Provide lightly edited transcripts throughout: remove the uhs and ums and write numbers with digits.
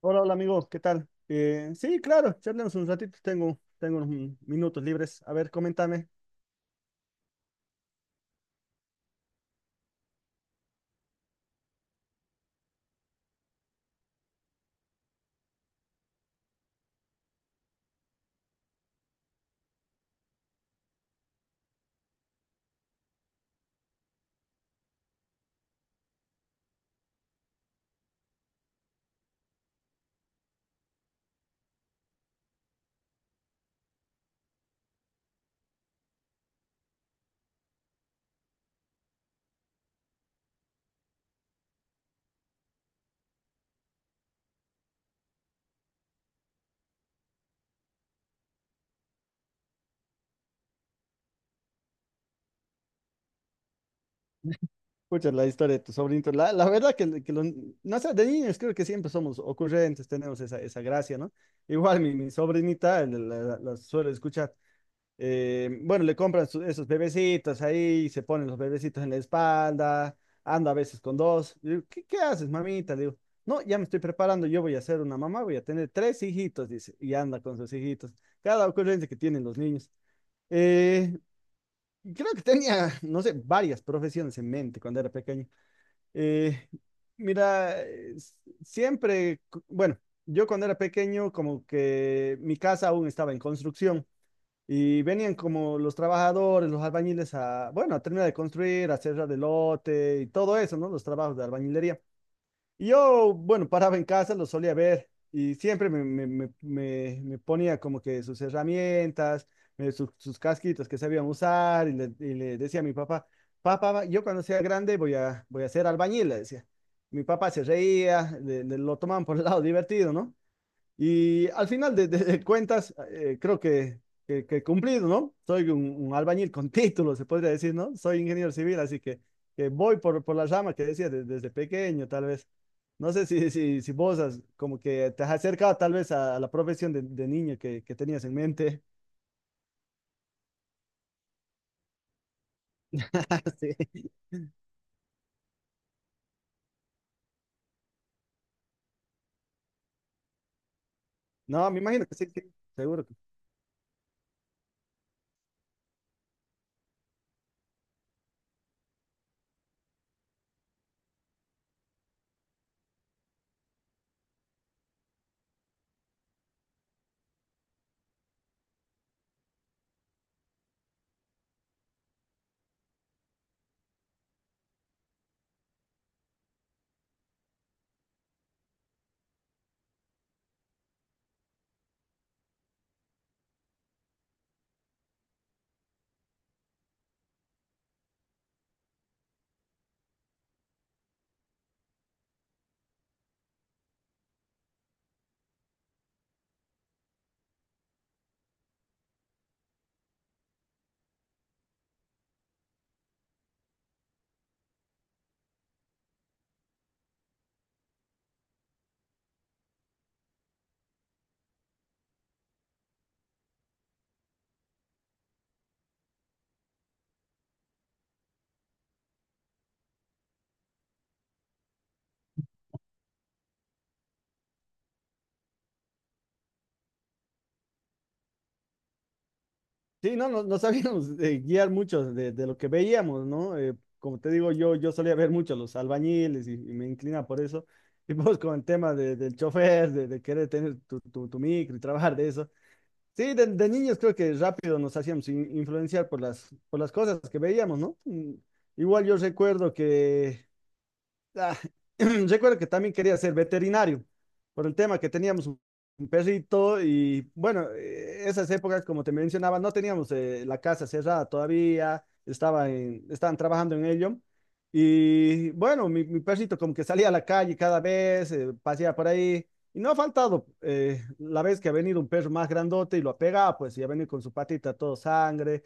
Hola, hola amigo, ¿qué tal? Sí, claro, charlemos un ratito, tengo unos minutos libres. A ver, coméntame. Escucha la historia de tu sobrinito. La verdad que no sé, de niños creo que siempre somos ocurrentes, tenemos esa gracia, ¿no? Igual mi sobrinita la suelo escuchar. Bueno, le compran esos bebecitos ahí, se ponen los bebecitos en la espalda, ando a veces con dos. Le digo, ¿qué haces, mamita? Le digo, no, ya me estoy preparando, yo voy a ser una mamá, voy a tener tres hijitos, dice, y anda con sus hijitos. Cada ocurrencia que tienen los niños. Eh, Creo que tenía, no sé, varias profesiones en mente cuando era pequeño. Eh, Mira, siempre, bueno, yo cuando era pequeño, como que mi casa aún estaba en construcción. Y venían como los trabajadores, los albañiles a, bueno, a terminar de construir, a cerrar el lote y todo eso, ¿no? Los trabajos de albañilería. Y yo, bueno, paraba en casa, los solía ver y siempre me ponía como que sus herramientas, sus casquitos que sabían usar y le decía a mi papá, papá, yo cuando sea grande voy a ser albañil, le decía. Mi papá se reía, lo tomaban por el lado divertido, ¿no? Y al final de cuentas, creo que he cumplido, ¿no? Soy un albañil con título, se podría decir, ¿no? Soy ingeniero civil, así que voy por la rama que decía desde pequeño, tal vez. No sé si vos como que te has acercado tal vez a la profesión de niño que tenías en mente. Sí. No, me imagino que sí, sí, seguro. Sí, no, no, no sabíamos guiar mucho de lo que veíamos, ¿no? Como te digo, yo solía ver mucho los albañiles y me inclina por eso. Y pues con el tema del chofer, de querer tener tu micro y trabajar de eso. Sí, de niños creo que rápido nos hacíamos influenciar por las cosas que veíamos, ¿no? Igual yo recuerdo que Ah, Recuerdo que también quería ser veterinario por el tema que teníamos un perrito y bueno, esas épocas, como te mencionaba, no teníamos la casa cerrada todavía, estaba estaban trabajando en ello. Y bueno, mi perrito como que salía a la calle cada vez, paseaba por ahí. Y no ha faltado la vez que ha venido un perro más grandote y lo ha pegado, pues, y ha venido con su patita todo sangre.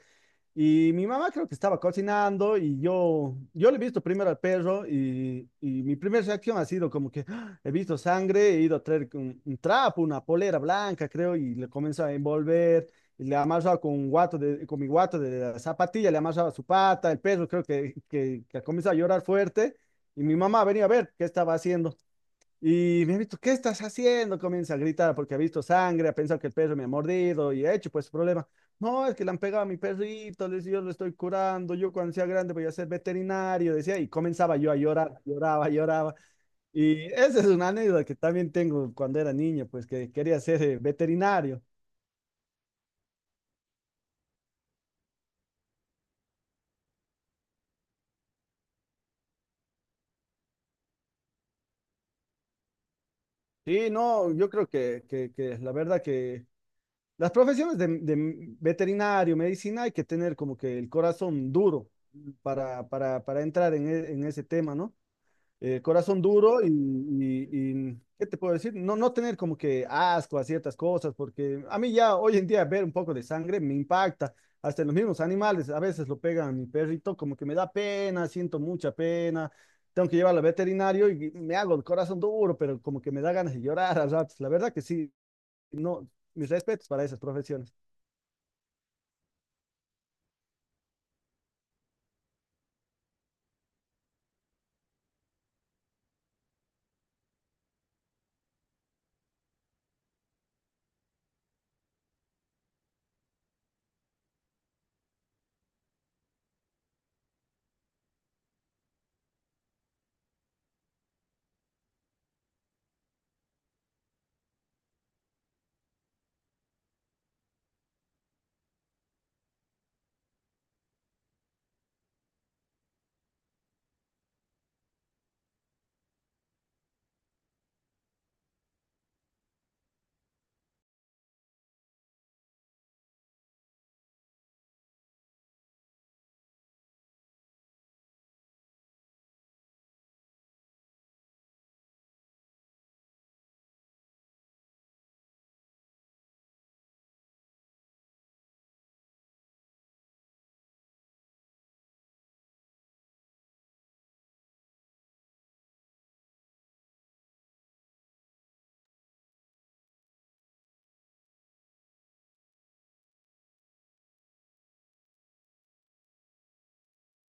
Y mi mamá creo que estaba cocinando y yo le he visto primero al perro y mi primera reacción ha sido como que ¡Ah! He visto sangre, he ido a traer un trapo, una polera blanca creo y le comienzo a envolver, y le amarraba con un guato de, con mi guato de la zapatilla, le amarraba su pata, el perro creo que comenzó a llorar fuerte y mi mamá venía a ver qué estaba haciendo. Y me ha visto, ¿qué estás haciendo? Comienza a gritar porque ha visto sangre, ha pensado que el perro me ha mordido y ha hecho pues problema. No, es que le han pegado a mi perrito, yo lo estoy curando, yo cuando sea grande voy a ser veterinario, decía, y comenzaba yo a llorar, lloraba, lloraba. Y esa es una anécdota que también tengo cuando era niño, pues que quería ser veterinario. Sí, no, yo creo que la verdad que las profesiones de veterinario, medicina, hay que tener como que el corazón duro para entrar en ese tema, ¿no? Corazón duro y, y, ¿qué te puedo decir? No, no tener como que asco a ciertas cosas, porque a mí ya hoy en día ver un poco de sangre me impacta, hasta en los mismos animales, a veces lo pegan a mi perrito, como que me da pena, siento mucha pena, tengo que llevarlo al veterinario y me hago el corazón duro, pero como que me da ganas de llorar a ratos, la verdad que sí, no, mis respetos para esas profesiones.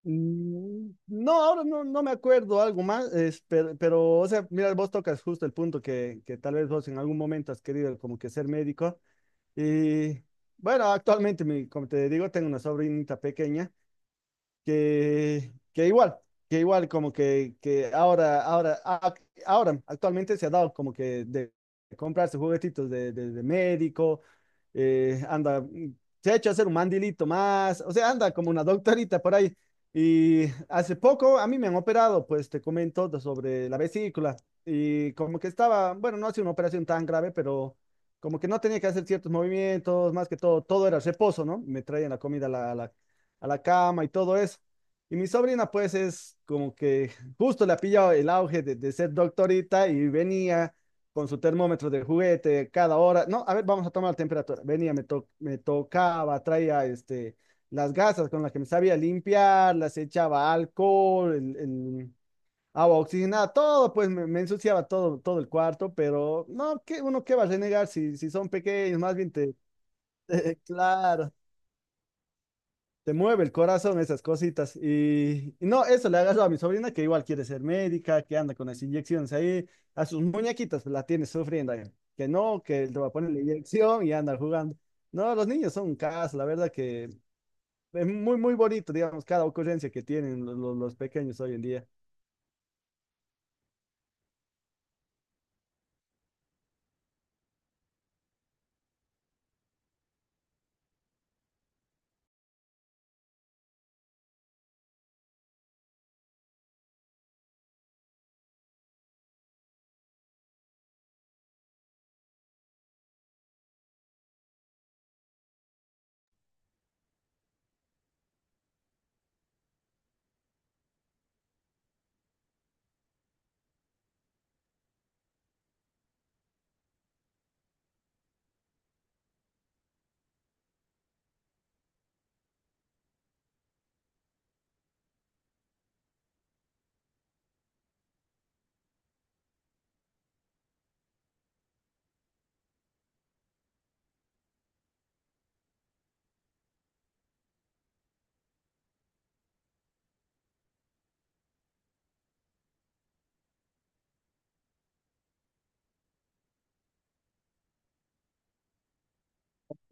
No, ahora no, no me acuerdo algo más, es, pero, o sea, mira, vos tocas justo el punto que tal vez vos en algún momento has querido como que ser médico. Y bueno, actualmente, como te digo, tengo una sobrinita pequeña que, que igual, que igual como que ahora, ahora actualmente se ha dado como que de comprarse juguetitos de, de médico, anda, se ha hecho hacer un mandilito más, o sea, anda como una doctorita por ahí. Y hace poco a mí me han operado, pues te comento sobre la vesícula y como que estaba, bueno, no ha sido una operación tan grave, pero como que no tenía que hacer ciertos movimientos, más que todo, todo era reposo, ¿no? Me traían la comida a la cama y todo eso. Y mi sobrina, pues, es como que justo le ha pillado el auge de ser doctorita y venía con su termómetro de juguete cada hora. No, a ver, vamos a tomar la temperatura. Venía, me, me tocaba, traía este, las gasas con las que me sabía limpiar, las echaba alcohol, el agua oxigenada, todo, pues me ensuciaba todo, todo el cuarto, pero no, qué uno qué va a renegar si, si son pequeños, más bien te. Claro, te mueve el corazón esas cositas. Y no, eso le agarró a mi sobrina que igual quiere ser médica, que anda con las inyecciones ahí, a sus muñequitas la tiene sufriendo ahí. Que no, que le va a poner la inyección y anda jugando. No, los niños son un caso, la verdad que es muy, muy bonito, digamos, cada ocurrencia que tienen los, los pequeños hoy en día.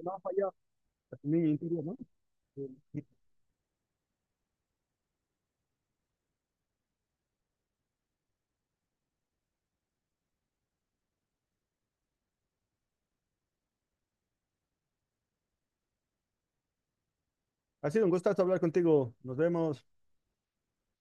No ha fallado, niño interior, ¿no? Sí. Ha sido un gustazo hablar contigo. Nos vemos.